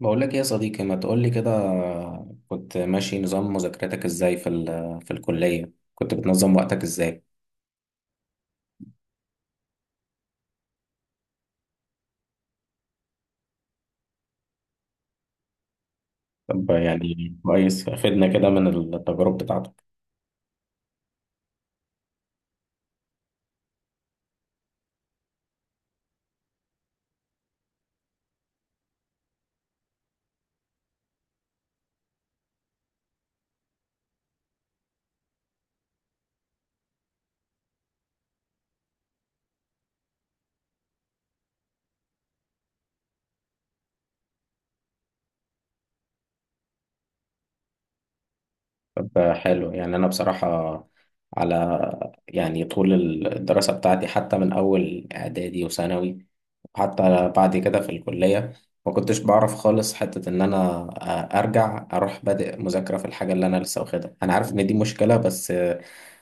بقول لك ايه يا صديقي، ما تقول لي كده؟ كنت ماشي نظام مذاكرتك ازاي في الكلية؟ كنت بتنظم وقتك ازاي؟ طب يعني كويس، فدنا كده من التجارب بتاعتك. طب حلو، يعني انا بصراحة، على، يعني طول الدراسة بتاعتي، حتى من اول اعدادي وثانوي، حتى بعد كده في الكلية، ما كنتش بعرف خالص حتة ان انا ارجع اروح بادئ مذاكرة في الحاجة اللي انا لسه واخدها. انا عارف ان دي مشكلة، بس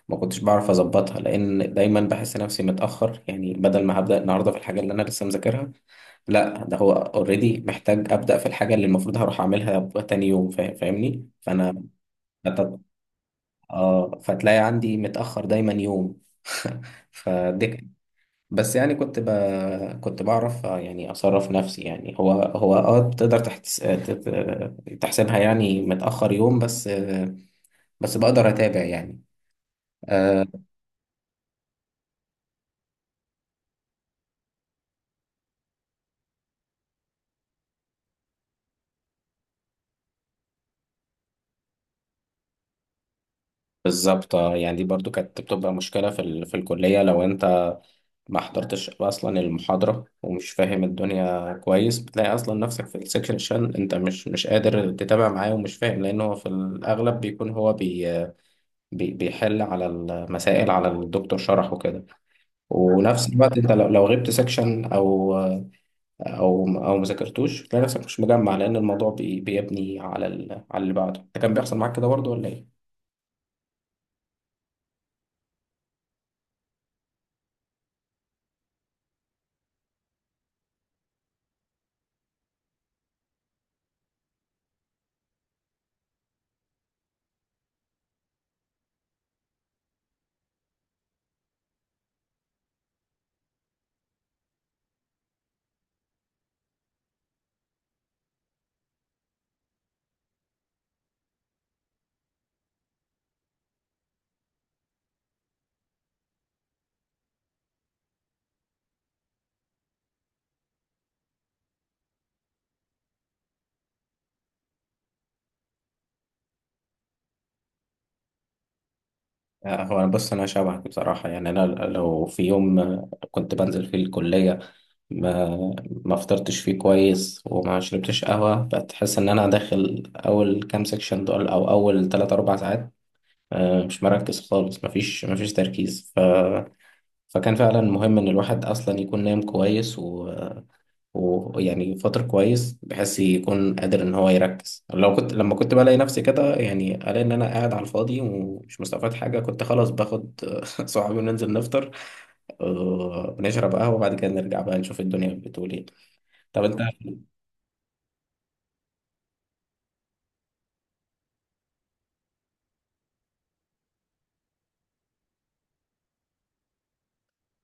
ما كنتش بعرف اظبطها، لان دايما بحس نفسي متاخر. يعني بدل ما هبدا النهارده في الحاجه اللي انا لسه مذاكرها، لا، ده هو اوريدي محتاج ابدا في الحاجه اللي المفروض هروح اعملها تاني يوم. فاهمني؟ فانا فت- اه فتلاقي عندي متاخر دايما يوم. فدي كانت- بس يعني كنت بعرف، يعني اصرف نفسي. يعني هو تقدر تحسبها يعني متاخر يوم بس، بس بقدر اتابع يعني. آه. بالظبط، يعني دي برضو كانت بتبقى مشكلة في الكلية. لو انت ما حضرتش اصلا المحاضرة ومش فاهم الدنيا كويس، بتلاقي اصلا نفسك في السكشن انت مش قادر تتابع معاه ومش فاهم، لان هو في الاغلب بيكون هو بيحل على المسائل على الدكتور شرح وكده، ونفس الوقت انت لو غبت سكشن او ما ذاكرتوش تلاقي نفسك مش مجمع، لان الموضوع بيبني على اللي بعده. ده كان بيحصل معاك كده برضو ولا ايه؟ هو أنا، بص، أنا شبهك بصراحة. يعني أنا لو في يوم كنت بنزل فيه الكلية ما ما فطرتش فيه كويس وما شربتش قهوة، بتحس إن أنا داخل أول كام سكشن دول أو أول 3 4 ساعات مش مركز خالص، مفيش تركيز. فكان فعلا مهم إن الواحد أصلا يكون نايم كويس، ويعني فترة كويس بحيث يكون قادر إن هو يركز. لو كنت لما كنت بلاقي نفسي كده، يعني ألاقي إن أنا قاعد على الفاضي ومش مستفاد حاجة، كنت خلاص باخد صحابي وننزل نفطر، نشرب قهوة، وبعد كده نرجع بقى نشوف الدنيا بتقول إيه. طب أنت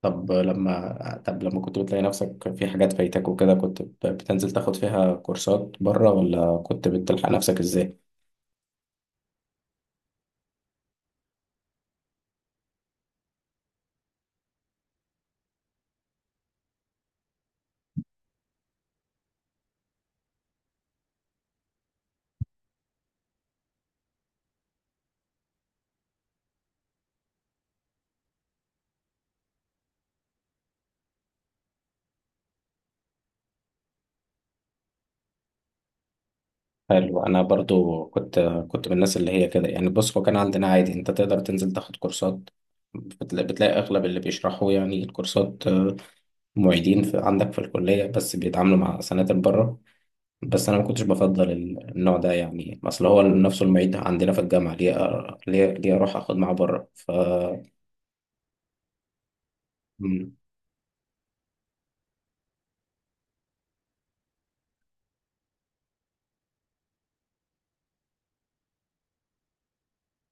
طب لما كنت بتلاقي نفسك في حاجات فايتك وكده، كنت بتنزل تاخد فيها كورسات بره ولا كنت بتلحق نفسك إزاي؟ حلو. انا برضو كنت كنت من الناس اللي هي كده. يعني بص، هو كان عندنا عادي انت تقدر تنزل تاخد كورسات، بتلاقي اغلب اللي بيشرحوا يعني الكورسات معيدين في عندك في الكلية، بس بيتعاملوا مع سناتر بره. بس انا ما كنتش بفضل النوع ده، يعني اصل هو نفسه المعيد عندنا في الجامعة، ليه أ- ليه ليه اروح اخد معاه بره؟ مم.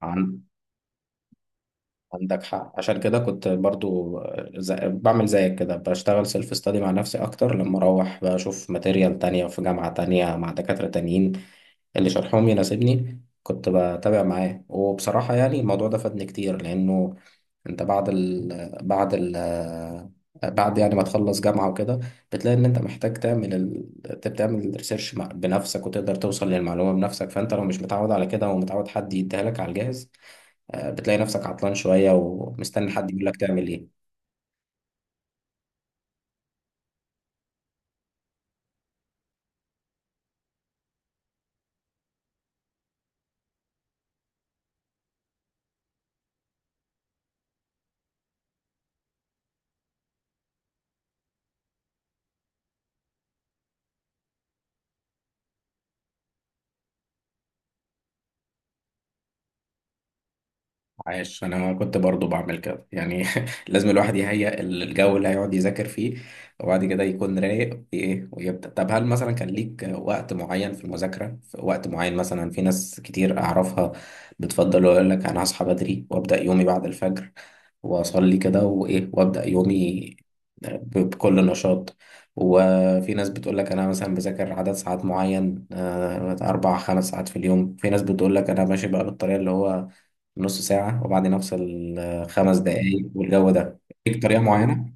عن- عندك حق. عشان كده كنت برضو بعمل زيك كده، بشتغل سيلف ستادي مع نفسي اكتر. لما اروح بشوف ماتيريال تانية في جامعة تانية مع دكاترة تانيين اللي شرحهم يناسبني، كنت بتابع معاه. وبصراحة يعني الموضوع ده فادني كتير، لانه انت بعد، يعني ما تخلص جامعة وكده، بتلاقي ان انت محتاج تعمل ريسيرش بنفسك وتقدر توصل للمعلومة بنفسك، فانت لو مش متعود على كده ومتعود حد يديها لك على الجاهز، بتلاقي نفسك عطلان شوية ومستني حد يقول لك تعمل ايه. عاش. انا كنت برضو بعمل كده يعني. لازم الواحد يهيئ الجو اللي هيقعد يذاكر فيه، وبعد كده يكون رايق وايه ويبدأ. طب هل مثلا كان ليك وقت معين في المذاكرة؟ في وقت معين مثلا، في ناس كتير اعرفها بتفضل يقول لك انا هصحى بدري وابدأ يومي بعد الفجر، واصلي كده وايه وابدأ يومي بكل نشاط. وفي ناس بتقول لك انا مثلا بذاكر عدد ساعات معين، 4 5 ساعات في اليوم. في ناس بتقول لك انا ماشي بقى بالطريقة اللي هو نص ساعة وبعدين أفصل 5 دقايق والجو ده. ليك طريقة معينة؟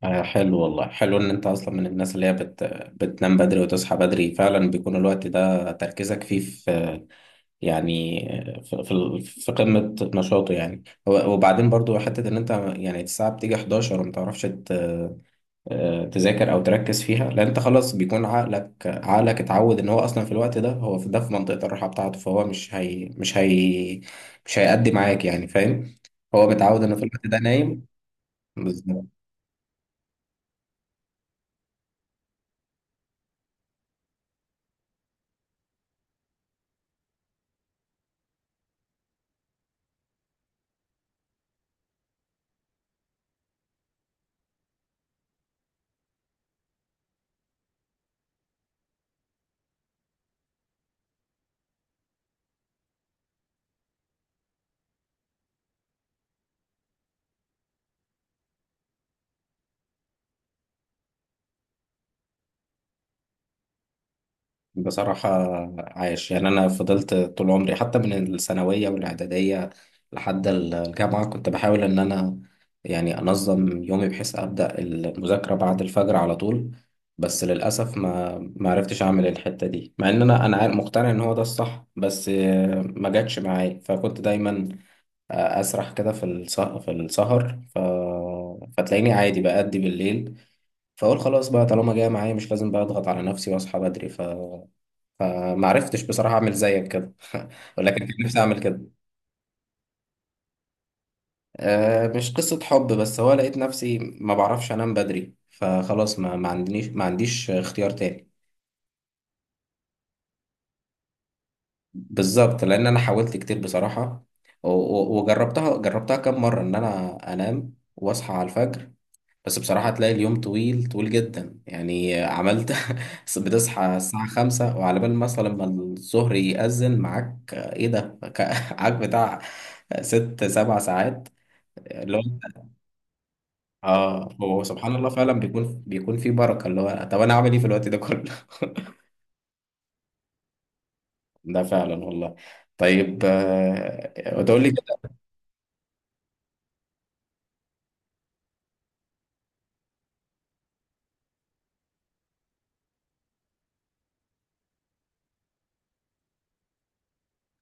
حلو والله. حلو إن أنت أصلا من الناس اللي هي بتنام بدري وتصحى بدري. فعلا بيكون الوقت ده تركيزك فيه في، يعني في قمة نشاطه. يعني وبعدين برضو، حتة إن أنت يعني الساعة بتيجي 11 وما تعرفش تذاكر او تركز فيها، لان انت خلاص بيكون عقلك اتعود ان هو اصلا في الوقت ده، هو في ده في منطقة الراحة بتاعته، فهو مش هيأدي معاك. يعني فاهم؟ هو متعود انه في الوقت ده نايم. بالظبط. بصراحة، عايش. يعني أنا فضلت طول عمري حتى من الثانوية والإعدادية لحد الجامعة كنت بحاول إن أنا يعني أنظم يومي بحيث أبدأ المذاكرة بعد الفجر على طول. بس للأسف ما عرفتش أعمل الحتة دي، مع إن أنا مقتنع إن هو ده الصح، بس ما جاتش معايا. فكنت دايما أسرح كده في السهر فتلاقيني عادي بأدي بالليل، فأقول خلاص بقى طالما جاية معايا مش لازم بقى أضغط على نفسي وأصحى بدري. فما عرفتش بصراحة أعمل زيك كده. ولكن كان نفسي أعمل كده. مش قصة حب، بس هو لقيت نفسي ما بعرفش أنام بدري، فخلاص ما ما عندنيش ما عنديش اختيار تاني. بالظبط. لأن أنا حاولت كتير بصراحة، وجربتها كام مرة إن أنا أنام وأصحى على الفجر، بس بصراحة تلاقي اليوم طويل طويل جدا. يعني عملت بتصحى الساعة 5 وعلى بال مثلا ما الظهر يأذن معاك، إيه ده؟ معاك بتاع 6 7 ساعات اللي هو، اه هو سبحان الله فعلا بيكون في بركه. اللي هو، طب انا اعمل ايه في الوقت ده كله؟ ده فعلا والله. طيب، تقول لي كده.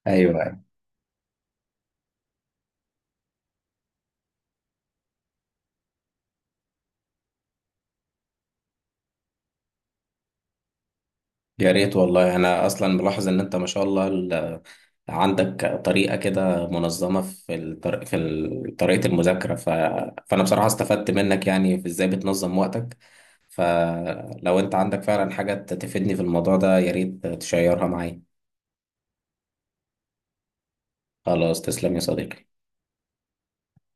ايوه. يا ريت والله. انا اصلا ملاحظ ان انت ما شاء الله عندك طريقه كده منظمه في الطر... في ال- طريقه المذاكره. فانا بصراحه استفدت منك يعني في ازاي بتنظم وقتك، فلو انت عندك فعلا حاجه تفيدني في الموضوع ده يا ريت تشيرها معايا. خلاص، تسلم يا صديقي.